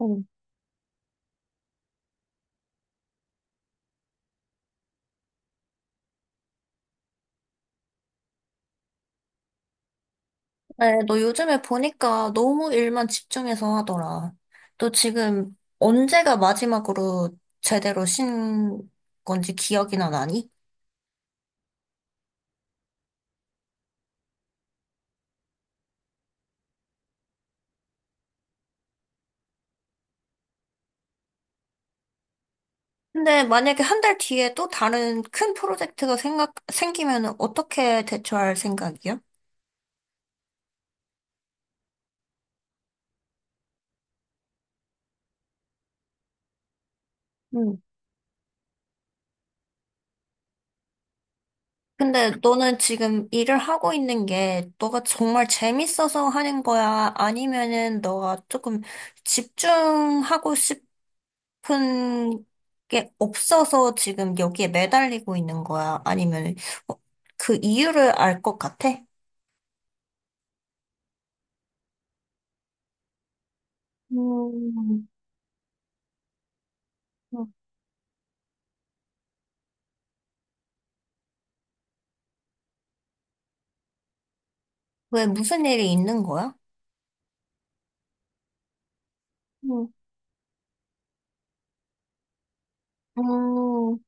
응. 네, 너 요즘에 보니까 너무 일만 집중해서 하더라. 너 지금 언제가 마지막으로 제대로 쉰 건지 기억이나 나니? 근데 만약에 한 달 뒤에 또 다른 큰 프로젝트가 생기면 어떻게 대처할 생각이야? 응. 근데 너는 지금 일을 하고 있는 게 너가 정말 재밌어서 하는 거야? 아니면은 너가 조금 집중하고 싶 큰 게 없어서 지금 여기에 매달리고 있는 거야? 아니면 어, 그 이유를 알 것 같아? 음. 음. 왜 무슨 일이 있는 거야? 음. 음.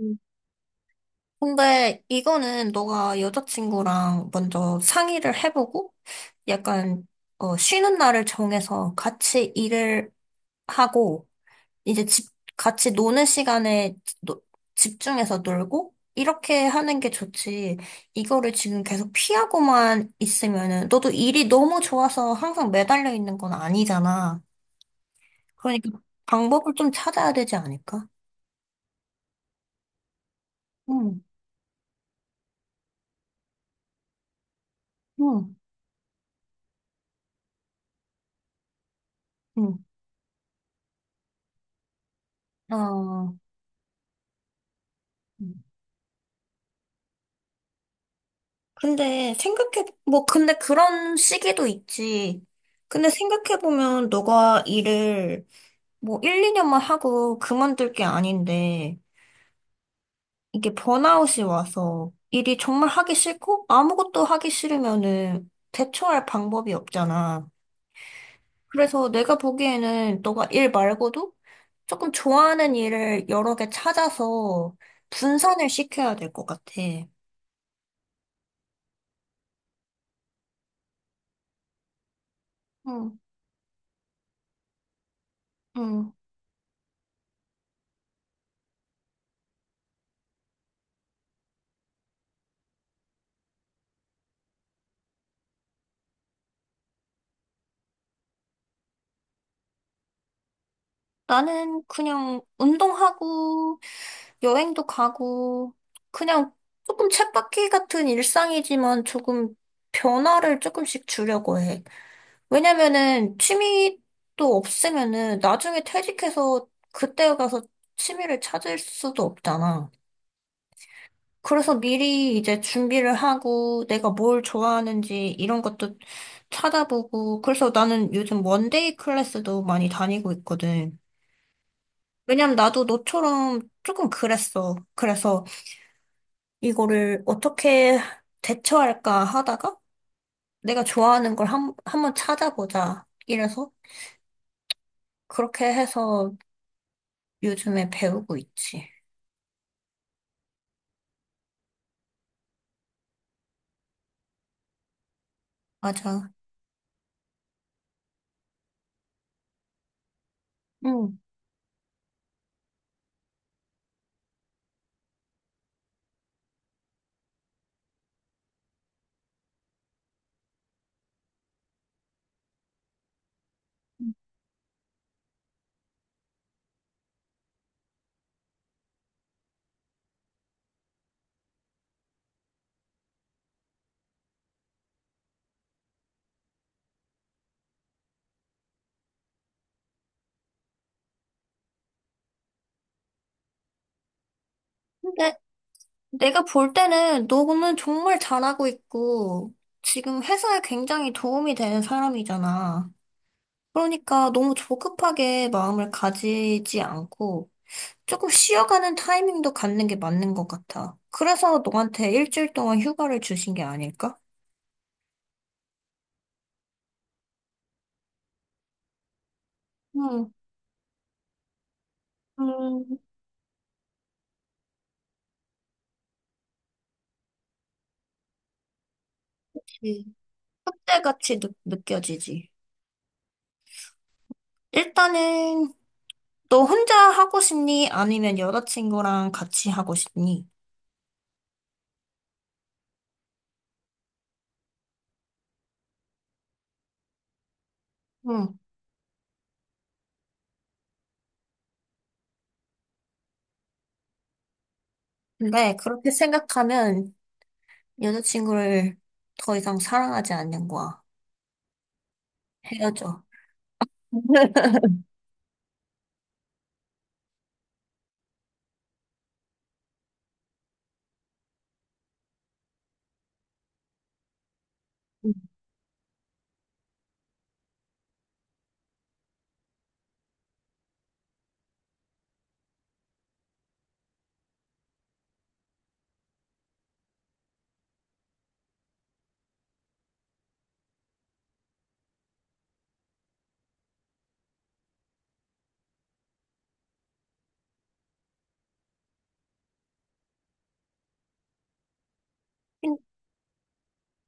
음. 근데 이거는 너가 여자친구랑 먼저 상의를 해보고 약간 쉬는 날을 정해서 같이 일을 하고 이제 집, 같이 노는 시간에 노- 집중해서 놀고, 이렇게 하는 게 좋지. 이거를 지금 계속 피하고만 있으면은, 너도 일이 너무 좋아서 항상 매달려 있는 건 아니잖아. 그러니까 방법을 좀 찾아야 되지 않을까? 응. 응. 응. 어, 근데 근데 그런 시기도 있지. 근데 생각해보면 너가 일을 뭐 1, 2년만 하고 그만둘 게 아닌데, 이게 번아웃이 와서 일이 정말 하기 싫고 아무것도 하기 싫으면은 대처할 방법이 없잖아. 그래서 내가 보기에는 너가 일 말고도 조금 좋아하는 일을 여러 개 찾아서 분산을 시켜야 될 것 같아. 응. 응. 나는 그냥 운동하고 여행도 가고 그냥 조금 쳇바퀴 같은 일상이지만 조금 변화를 조금씩 주려고 해. 왜냐면은 취미도 없으면은 나중에 퇴직해서 그때 가서 취미를 찾을 수도 없잖아. 그래서 미리 이제 준비를 하고 내가 뭘 좋아하는지 이런 것도 찾아보고 그래서 나는 요즘 원데이 클래스도 많이 다니고 있거든. 왜냐면 나도 너처럼 조금 그랬어. 그래서 이거를 어떻게 대처할까 하다가 내가 좋아하는 걸 한번 찾아보자. 이래서 그렇게 해서 요즘에 배우고 있지. 맞아. 응. 근데 내가 볼 때는 너는 정말 잘하고 있고, 지금 회사에 굉장히 도움이 되는 사람이잖아. 그러니까 너무 조급하게 마음을 가지지 않고, 조금 쉬어가는 타이밍도 갖는 게 맞는 것 같아. 그래서 너한테 일주일 동안 휴가를 주신 게 아닐까? 응. 음. 그치. 그때같이 느껴지지. 일단은 너 혼자 하고 싶니? 아니면 여자친구랑 같이 하고 싶니? 응. 근데 그렇게 생각하면 여자친구를 더 이상 사랑하지 않는 거야. 헤어져. 음.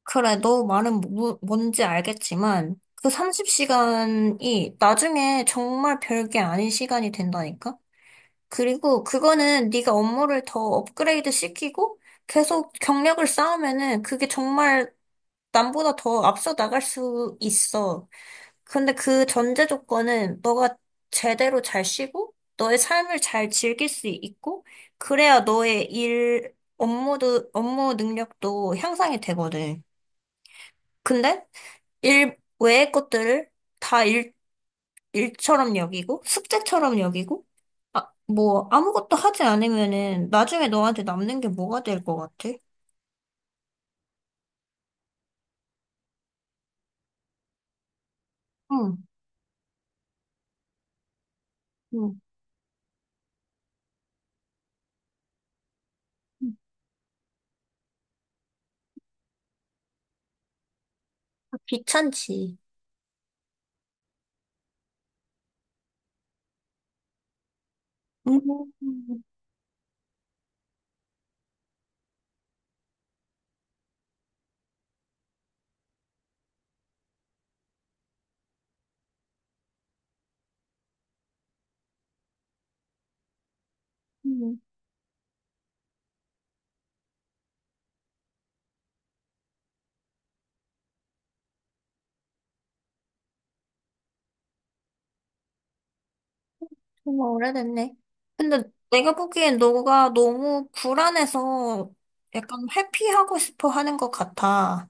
그래, 뭐, 뭔지 알겠지만, 그 30시간이 나중에 정말 별게 아닌 시간이 된다니까? 그리고 그거는 네가 업무를 더 업그레이드 시키고 계속 경력을 쌓으면은 그게 정말 남보다 더 앞서 나갈 수 있어. 근데 그 전제 조건은 너가 제대로 잘 쉬고, 너의 삶을 잘 즐길 수 있고, 그래야 너의 일, 업무도, 업무 능력도 향상이 되거든. 근데 일 외의 것들을 다 일처럼 여기고, 숙제처럼 여기고, 아, 뭐, 아무것도 하지 않으면은 나중에 너한테 남는 게 뭐가 될 것 같아? 응. 응. 응. 귀찮지. 음. 음. 정말 오래됐네. 근데 내가 보기엔 너가 너무 불안해서 약간 회피하고 싶어 하는 것 같아.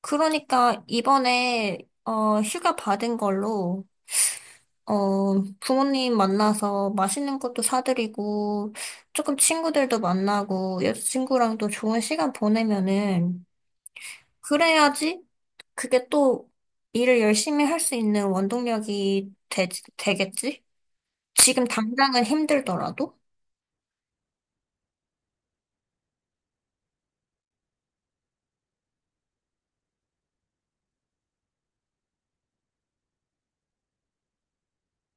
그러니까 이번에 휴가 받은 걸로 부모님 만나서 맛있는 것도 사드리고 조금 친구들도 만나고 여자친구랑도 좋은 시간 보내면은 그래야지 그게 또 일을 열심히 할 수 있는 원동력이 되겠지? 지금 당장은 힘들더라도?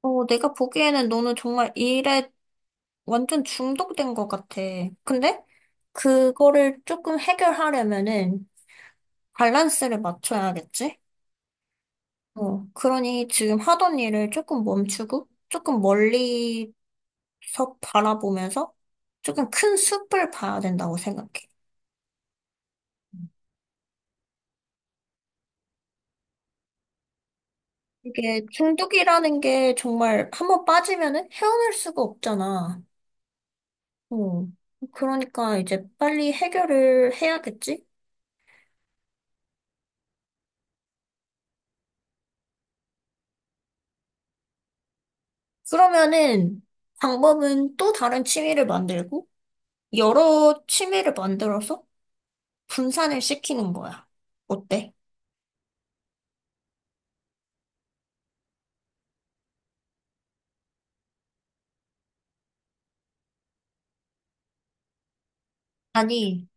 어, 내가 보기에는 너는 정말 일에 완전 중독된 것 같아. 근데 그거를 조금 해결하려면은 밸런스를 맞춰야겠지? 어, 그러니 지금 하던 일을 조금 멈추고 조금 멀리서 바라보면서 조금 큰 숲을 봐야 된다고 생각해. 이게 중독이라는 게 정말 한번 빠지면은 헤어날 수가 없잖아. 어, 그러니까 이제 빨리 해결을 해야겠지? 그러면은 방법은 또 다른 취미를 만들고 여러 취미를 만들어서 분산을 시키는 거야. 어때? 아니,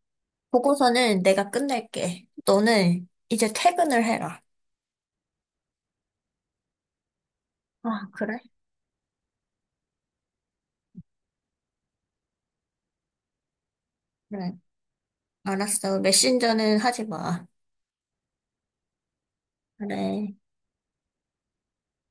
보고서는 내가 끝낼게. 너는 이제 퇴근을 해라. 아, 그래? 그래. 알았어. 메신저는 하지 마. 그래.